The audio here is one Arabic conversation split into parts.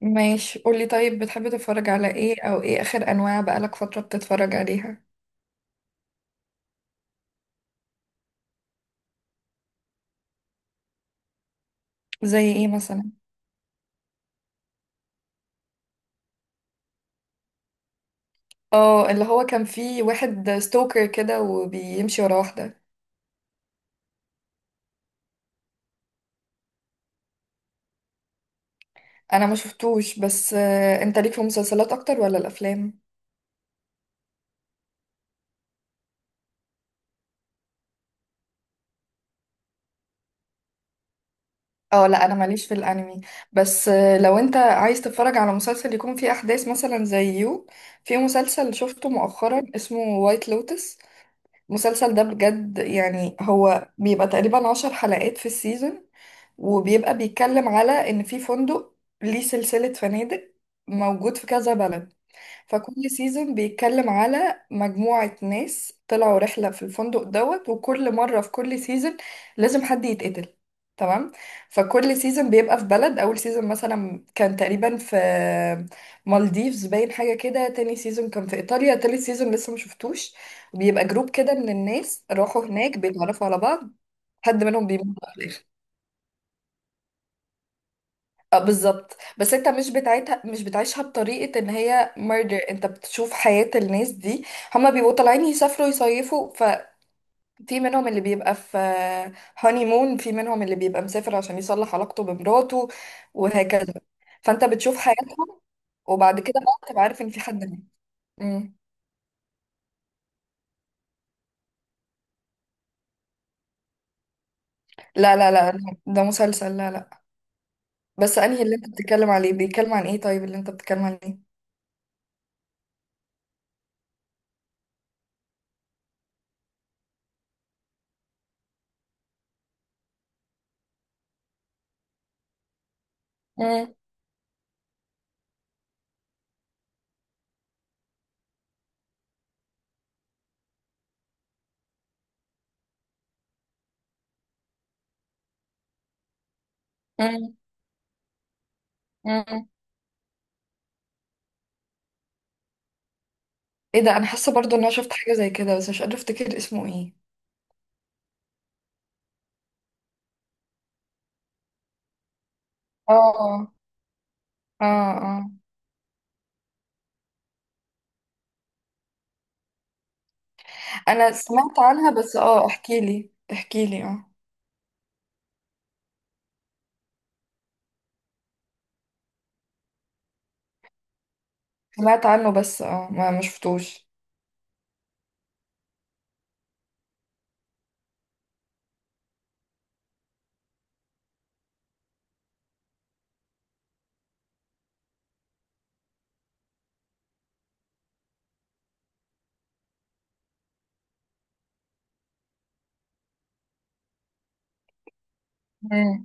ماشي، قولي. طيب، بتحبي تتفرج على ايه؟ او ايه اخر انواع بقالك فترة بتتفرج عليها؟ زي ايه مثلا؟ اه، اللي هو كان فيه واحد ستوكر كده وبيمشي ورا واحدة. انا ما شفتوش. بس انت ليك في المسلسلات اكتر ولا الافلام؟ اه لا، انا ماليش في الانمي. بس لو انت عايز تتفرج على مسلسل يكون فيه احداث مثلا زي يو، في مسلسل شفته مؤخرا اسمه وايت لوتس. المسلسل ده بجد يعني هو بيبقى تقريبا 10 حلقات في السيزون، وبيبقى بيتكلم على ان في فندق، ليه سلسلة فنادق موجود في كذا بلد. فكل سيزون بيتكلم على مجموعة ناس طلعوا رحلة في الفندق دوت، وكل مرة في كل سيزون لازم حد يتقتل، تمام؟ فكل سيزون بيبقى في بلد. أول سيزون مثلا كان تقريبا في مالديفز باين حاجة كده، تاني سيزون كان في إيطاليا، تالت سيزون لسه مشفتوش. بيبقى جروب كده من الناس راحوا هناك بيتعرفوا على بعض، حد منهم بيموت في الآخر. اه بالظبط، بس انت مش بتاعتها، مش بتعيشها بطريقة ان هي ميردر، انت بتشوف حياة الناس دي. هما بيبقوا طالعين يسافروا يصيفوا، ففي منهم اللي بيبقى في هاني مون، في منهم اللي بيبقى مسافر عشان يصلح علاقته بمراته، وهكذا. فانت بتشوف حياتهم، وبعد كده بقى تبقى عارف ان في حد مات. مم. لا لا لا، ده مسلسل، لا لا. بس انهي اللي انت بتتكلم عليه؟ بيتكلم عن ايه طيب اللي انت بتتكلم عليه؟ مم. مم. ايه ده، انا حاسه برضو ان انا شفت حاجه زي كده بس مش قادره افتكر اسمه ايه. اه اه اه. انا سمعت عنها، بس اه احكي لي احكي لي. اه سمعت عنه، بس اه ما شفتوش. مم.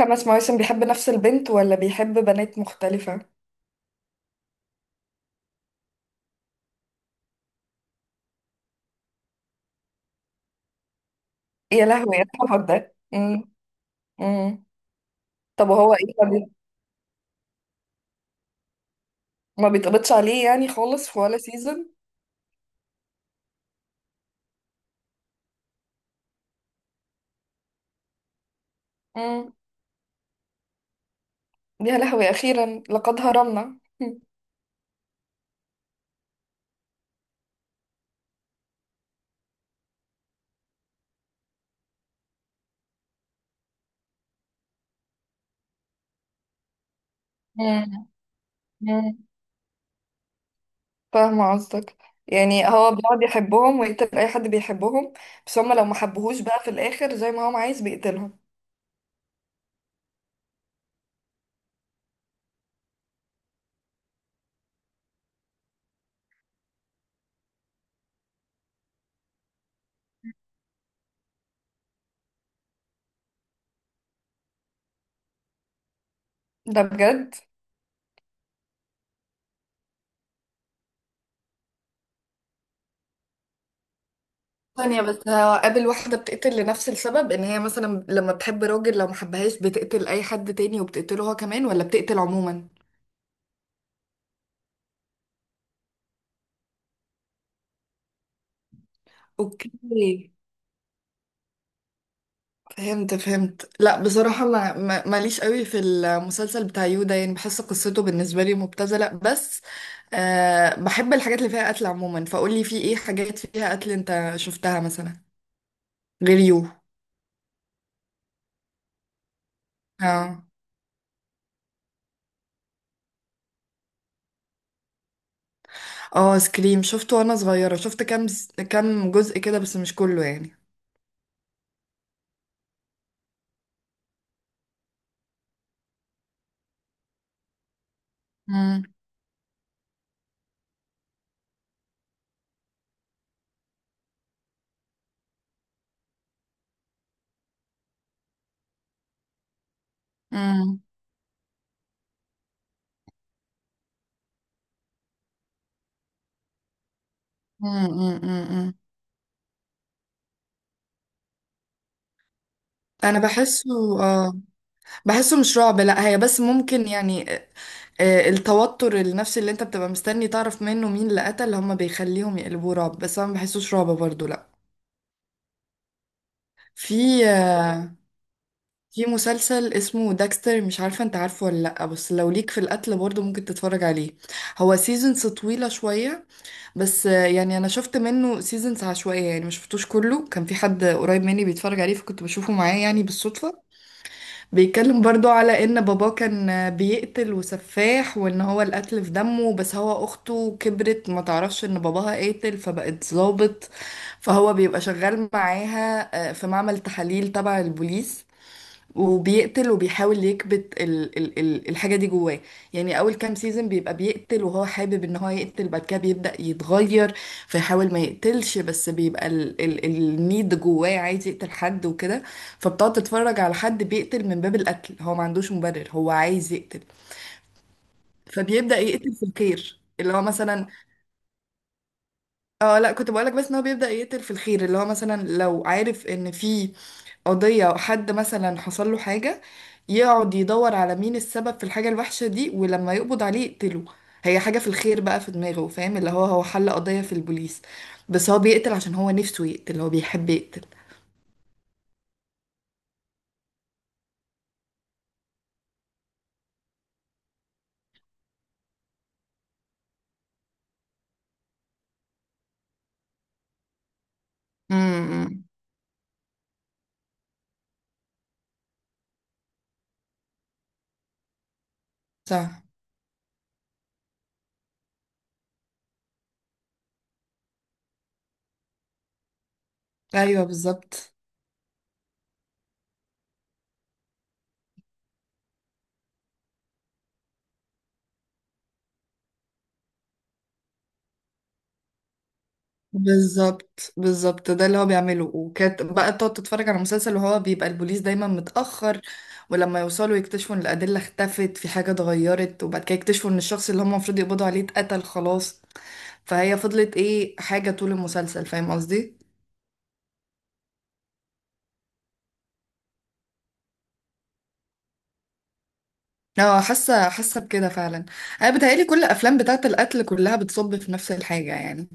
5 مواسم بيحب نفس البنت ولا بيحب بنات مختلفه؟ يا لهوي يا الحوار ده. مم. مم. طب وهو ايه، ما بيتقبضش عليه يعني خالص في ولا سيزون؟ مم. يا لهوي، اخيرا لقد هرمنا. مم. مم. فاهمة قصدك. يعني هو بيقعد يحبهم ويقتل أي حد بيحبهم، بس هما لو ما حبوهوش بقى في الآخر زي ما هو عايز بيقتلهم. ده بجد؟ ثانية بس، هو قابل واحدة بتقتل لنفس السبب؟ ان هي مثلا لما بتحب راجل لو محبهاش بتقتل اي حد تاني وبتقتله هو كمان، ولا بتقتل عموما؟ اوكي، فهمت فهمت. لا بصراحة، ماليش قوي في المسلسل بتاع يودا، يعني بحس قصته بالنسبة لي مبتذلة. بس أه، بحب الحاجات اللي فيها قتل عموما. فقولي في ايه حاجات فيها قتل انت شفتها مثلا غير يو؟ اه. اه سكريم، شفته وانا صغيرة، شفت كام جزء كده بس مش كله يعني. مم. مم. مم. مم. مم. مم. انا بحسه. اه، بحسه مش رعب. لا هي بس ممكن يعني التوتر النفسي اللي انت بتبقى مستني تعرف منه مين اللي قتل، هم بيخليهم يقلبوه رعب، بس انا ما بحسوش رعب برضو، لا. في في مسلسل اسمه داكستر، مش عارفة انت عارفه ولا لا، بس لو ليك في القتل برضو ممكن تتفرج عليه. هو سيزونز طويلة شوية، بس يعني انا شفت منه سيزونز عشوائية، يعني مش شفتوش كله. كان في حد قريب مني بيتفرج عليه فكنت بشوفه معاه يعني بالصدفة. بيتكلم برضو على ان باباه كان بيقتل وسفاح، وان هو القتل في دمه، بس هو اخته كبرت ما تعرفش ان باباها قاتل، فبقت ظابط. فهو بيبقى شغال معاها في معمل تحاليل تبع البوليس، وبيقتل وبيحاول يكبت ال ال ال الحاجة دي جواه. يعني أول كام سيزون بيبقى بيقتل وهو حابب إن هو يقتل، بعد كده بيبدأ يتغير. فيحاول ما يقتلش، بس بيبقى ال ال النيد جواه عايز يقتل حد وكده. فبتقعد تتفرج على حد بيقتل من باب القتل، هو ما عندوش مبرر، هو عايز يقتل. فبيبدأ يقتل في الخير اللي هو مثلا. اه لا، كنت بقولك بس ان هو بيبدأ يقتل في الخير اللي هو مثلا لو عارف ان في قضية أو حد مثلا حصل له حاجة، يقعد يدور على مين السبب في الحاجة الوحشة دي، ولما يقبض عليه يقتله. هي حاجة في الخير بقى في دماغه، فاهم؟ اللي هو هو حل قضية في البوليس، بس هو بيقتل عشان هو نفسه يقتل، هو بيحب يقتل. امم. صح. ايوه، بالظبط بالظبط بالظبط، ده اللي هو بيعمله. وكانت بقى تقعد تتفرج على مسلسل وهو بيبقى البوليس دايما متأخر، ولما يوصلوا يكتشفوا ان الأدلة اختفت، في حاجة اتغيرت، وبعد كده يكتشفوا ان الشخص اللي هم المفروض يقبضوا عليه اتقتل خلاص. فهي فضلت ايه حاجة طول المسلسل، فاهم قصدي؟ اه، حاسة حاسة بكده فعلا. انا بتهيألي كل الافلام بتاعة القتل كلها بتصب في نفس الحاجة يعني.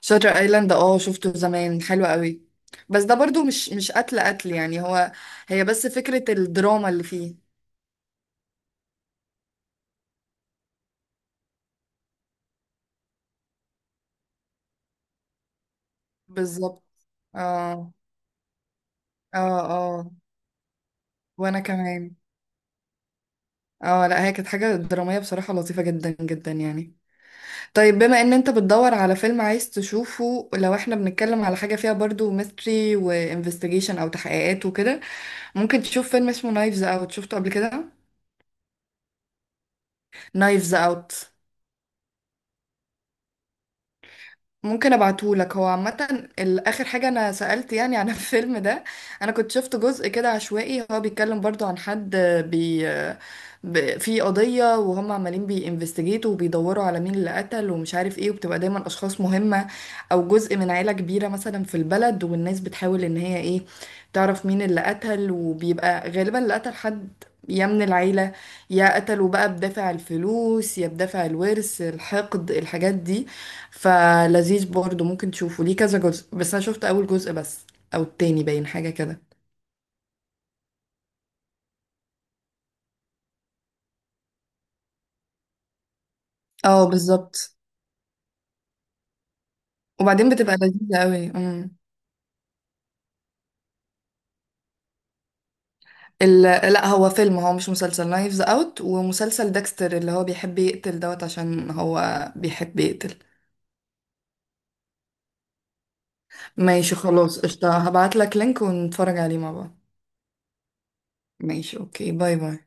شاتر ايلاند، اه شفته زمان، حلو قوي. بس ده برضو مش قتل قتل يعني، هو هي بس فكرة الدراما اللي فيه. بالظبط. اه اه اه. وانا كمان. اه لا هي كانت حاجة درامية بصراحة لطيفة جدا جدا يعني. طيب بما ان انت بتدور على فيلم عايز تشوفه، لو احنا بنتكلم على حاجة فيها برضو ميستري وانفستيجيشن او تحقيقات وكده، ممكن تشوف فيلم اسمه نايفز اوت. شفته قبل كده؟ نايفز اوت. ممكن ابعتهولك. هو عامة اخر حاجة انا سألت يعني عن الفيلم ده. انا كنت شفت جزء كده عشوائي، هو بيتكلم برضو عن حد بي في قضية وهم عمالين بينفستيجيتوا وبيدوروا على مين اللي قتل ومش عارف ايه، وبتبقى دايما اشخاص مهمة او جزء من عيلة كبيرة مثلا في البلد، والناس بتحاول ان هي ايه تعرف مين اللي قتل، وبيبقى غالبا اللي قتل حد يا من العيلة، يا قتلوا بقى بدافع الفلوس يا بدافع الورث، الحقد، الحاجات دي. فلذيذ برضه، ممكن تشوفه. ليه كذا جزء، بس انا شفت اول جزء بس او التاني باين حاجه كده. اه بالظبط. وبعدين بتبقى لذيذه قوي. امم. ال... لا هو فيلم، هو مش مسلسل نايفز اوت. ومسلسل ديكستر اللي هو بيحب يقتل دوت عشان هو بيحب يقتل. ماشي، خلاص قشطة، هبعت لك لينك ونتفرج عليه مع بعض. ماشي. اوكي، باي باي.